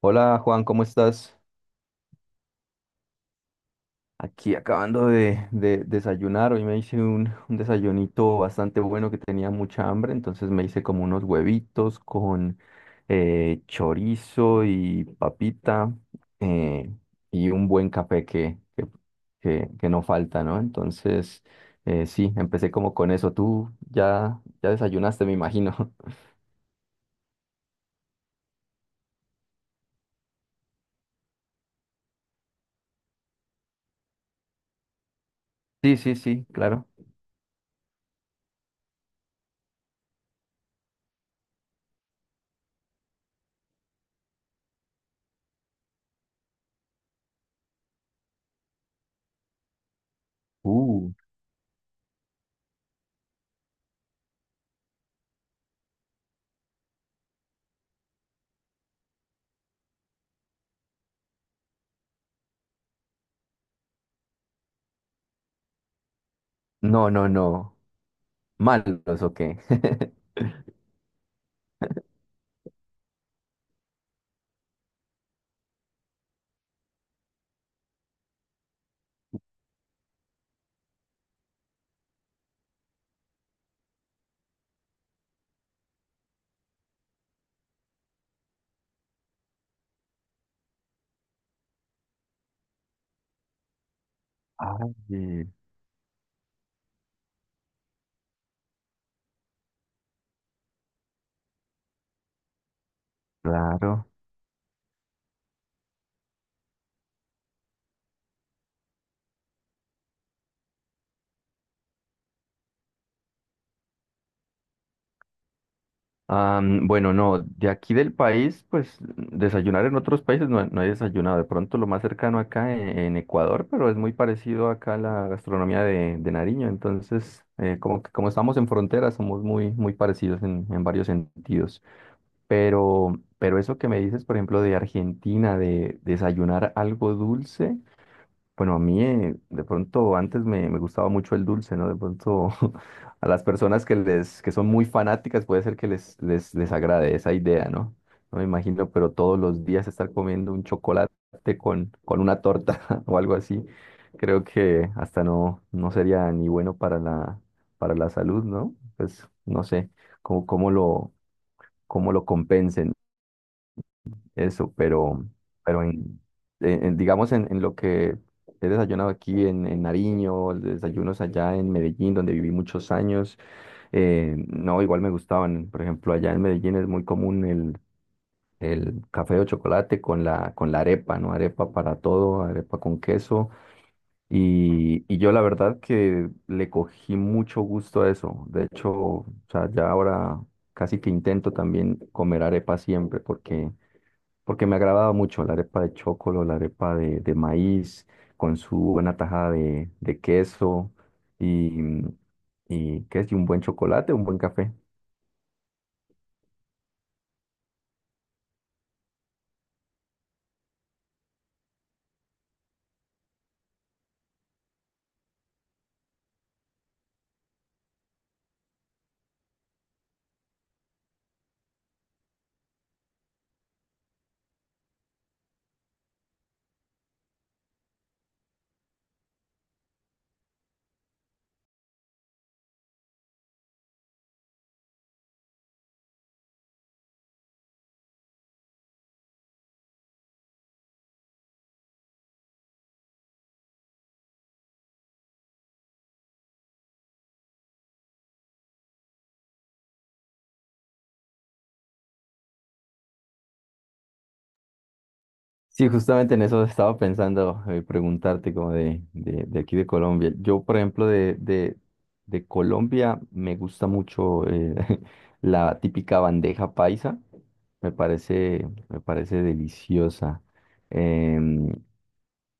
Hola Juan, ¿cómo estás? Aquí acabando de desayunar. Hoy me hice un desayunito bastante bueno, que tenía mucha hambre, entonces me hice como unos huevitos con chorizo y papita, eh, y un buen café que no falta, ¿no? Entonces, sí, empecé como con eso. Tú ya desayunaste, me imagino. Sí, sí, sí, claro. Uh, no, no, no. ¿Malos o qué? Ay. Claro. Bueno, no, de aquí del país, pues desayunar en otros países no, he no he desayunado. De pronto lo más cercano acá en Ecuador, pero es muy parecido acá a la gastronomía de Nariño. Entonces, como, como estamos en frontera, somos muy, muy parecidos en varios sentidos. Pero eso que me dices, por ejemplo, de Argentina, de desayunar algo dulce. Bueno, a mí de pronto antes me gustaba mucho el dulce, ¿no? De pronto a las personas que les que son muy fanáticas puede ser que les agrade esa idea, ¿no? No me imagino, pero todos los días estar comiendo un chocolate con una torta o algo así, creo que hasta no, no sería ni bueno para para la salud, ¿no? Pues no sé cómo, cómo lo, cómo lo compensen. Eso, pero digamos en lo que he desayunado aquí en Nariño, desayunos allá en Medellín, donde viví muchos años. No, igual me gustaban. Por ejemplo, allá en Medellín es muy común el café o chocolate con con la arepa, ¿no? Arepa para todo, arepa con queso. Y yo la verdad que le cogí mucho gusto a eso. De hecho, o sea, ya ahora casi que intento también comer arepa siempre porque me agradaba mucho la arepa de chocolo, la arepa de maíz, con su buena tajada de queso y, y, ¿qué es? Y un buen chocolate, un buen café. Sí, justamente en eso estaba pensando. Preguntarte como de aquí de Colombia. Yo, por ejemplo, de Colombia me gusta mucho la típica bandeja paisa. Me parece, me parece deliciosa. Em,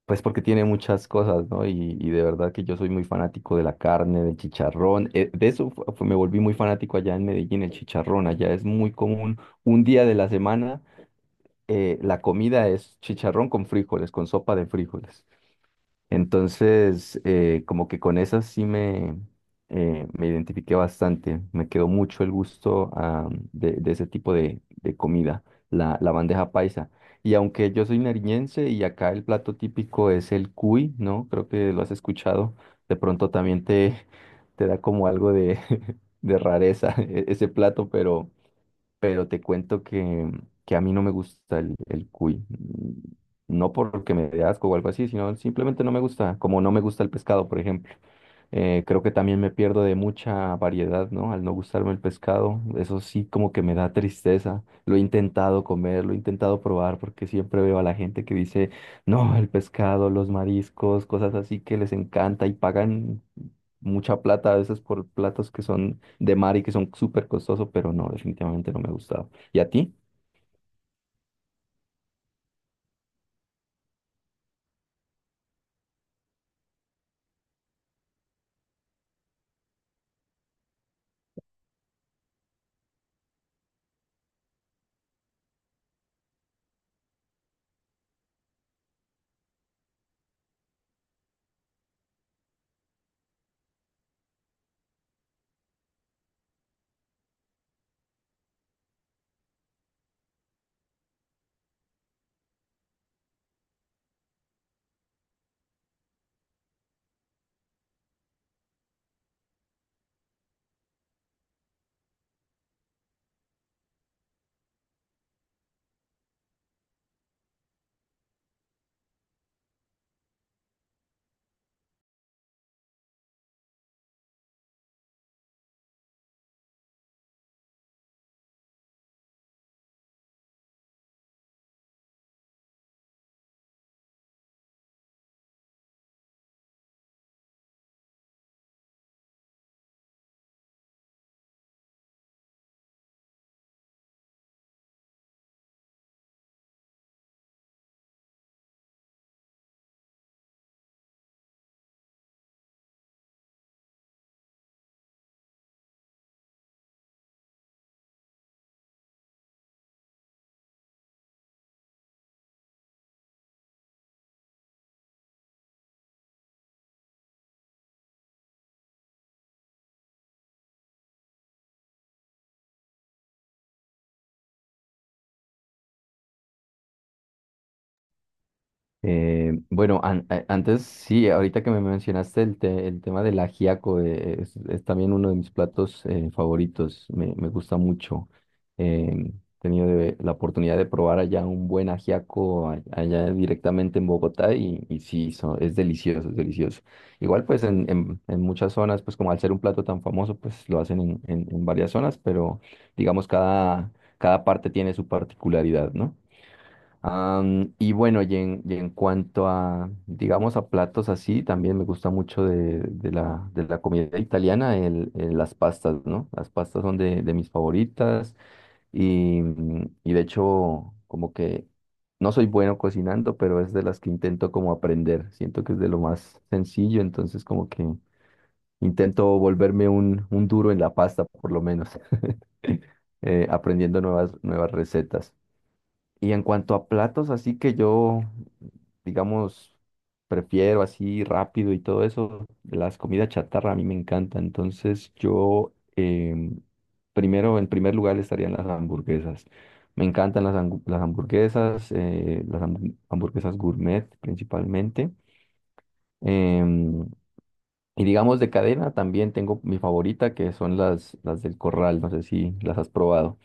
Pues porque tiene muchas cosas, ¿no? Y de verdad que yo soy muy fanático de la carne, del chicharrón. De eso me volví muy fanático allá en Medellín, el chicharrón. Allá es muy común. Un día de la semana, la comida es chicharrón con frijoles, con sopa de frijoles. Entonces, como que con esas sí me identifiqué bastante. Me quedó mucho el gusto, ah, de ese tipo de comida, la bandeja paisa. Y aunque yo soy nariñense y acá el plato típico es el cuy, ¿no? Creo que lo has escuchado. De pronto también te, te da como algo de, de rareza ese plato, pero te cuento que a mí no me gusta el cuy. Mm. No porque me dé asco o algo así, sino simplemente no me gusta, como no me gusta el pescado, por ejemplo. Creo que también me pierdo de mucha variedad, ¿no? Al no gustarme el pescado, eso sí como que me da tristeza. Lo he intentado comer, lo he intentado probar, porque siempre veo a la gente que dice, no, el pescado, los mariscos, cosas así que les encanta, y pagan mucha plata a veces por platos que son de mar y que son súper costosos, pero no, definitivamente no me ha gustado. ¿Y a ti? Antes sí, ahorita que me mencionaste el tema del ajiaco. Es también uno de mis platos favoritos. Me gusta mucho. Eh, He tenido la oportunidad de probar allá un buen ajiaco allá directamente en Bogotá, y sí, es delicioso, es delicioso. Igual pues en muchas zonas, pues como al ser un plato tan famoso, pues lo hacen en varias zonas, pero digamos cada parte tiene su particularidad, ¿no? Y bueno, y y en cuanto a, digamos, a platos así, también me gusta mucho de la comida italiana, las pastas, ¿no? Las pastas son de mis favoritas. Y de hecho, como que no soy bueno cocinando, pero es de las que intento como aprender. Siento que es de lo más sencillo, entonces como que intento volverme un duro en la pasta, por lo menos, aprendiendo nuevas, nuevas recetas. Y en cuanto a platos, así que yo, digamos, prefiero así rápido y todo eso, las comidas chatarra a mí me encanta. Entonces yo, primero, en primer lugar estarían las hamburguesas. Me encantan las hamburguesas, hamburguesas gourmet principalmente. Em, y digamos de cadena también tengo mi favorita, que son las del Corral. No sé si las has probado.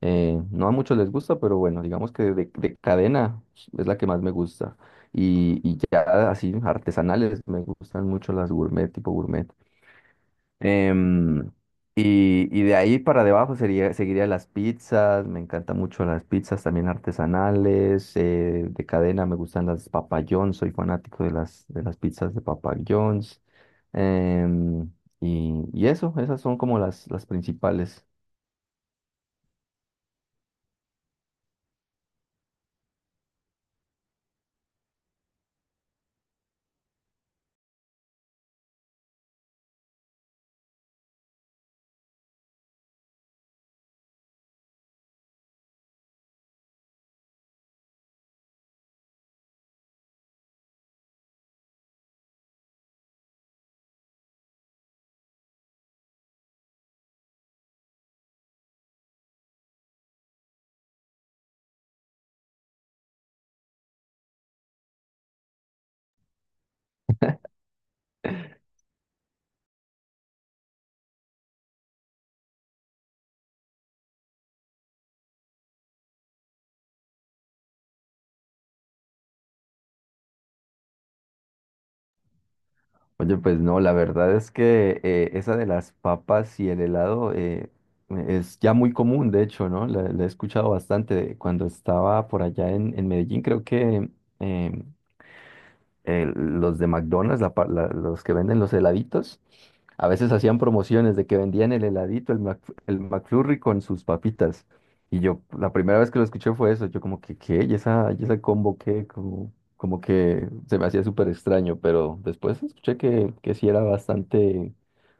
No a muchos les gusta, pero bueno, digamos que de cadena es la que más me gusta. Y ya así artesanales, me gustan mucho las gourmet, tipo gourmet. Em, y, y de ahí para debajo sería, seguiría las pizzas. Me encantan mucho las pizzas también artesanales. Eh, de cadena me gustan las Papa John's, soy fanático de las pizzas de Papa John's. Em, y, y eso, esas son como las principales. Oye, pues no, la verdad es que esa de las papas y el helado es ya muy común, de hecho, ¿no? La he escuchado bastante cuando estaba por allá en Medellín, creo que em, los de McDonald's, los que venden los heladitos, a veces hacían promociones de que vendían el heladito, el McFlurry con sus papitas. Y yo, la primera vez que lo escuché fue eso, yo como que, ¿qué? Y esa combo qué? Como, como que se me hacía súper extraño, pero después escuché que sí era bastante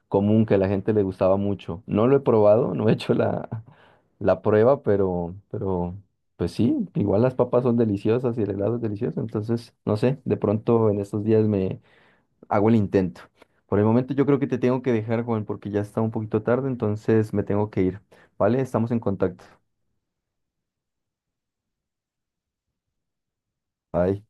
común, que a la gente le gustaba mucho. No lo he probado, no he hecho la prueba, pero pues sí, igual las papas son deliciosas y el helado es delicioso, entonces, no sé, de pronto en estos días me hago el intento. Por el momento yo creo que te tengo que dejar, Juan, porque ya está un poquito tarde, entonces me tengo que ir. ¿Vale? Estamos en contacto. Bye.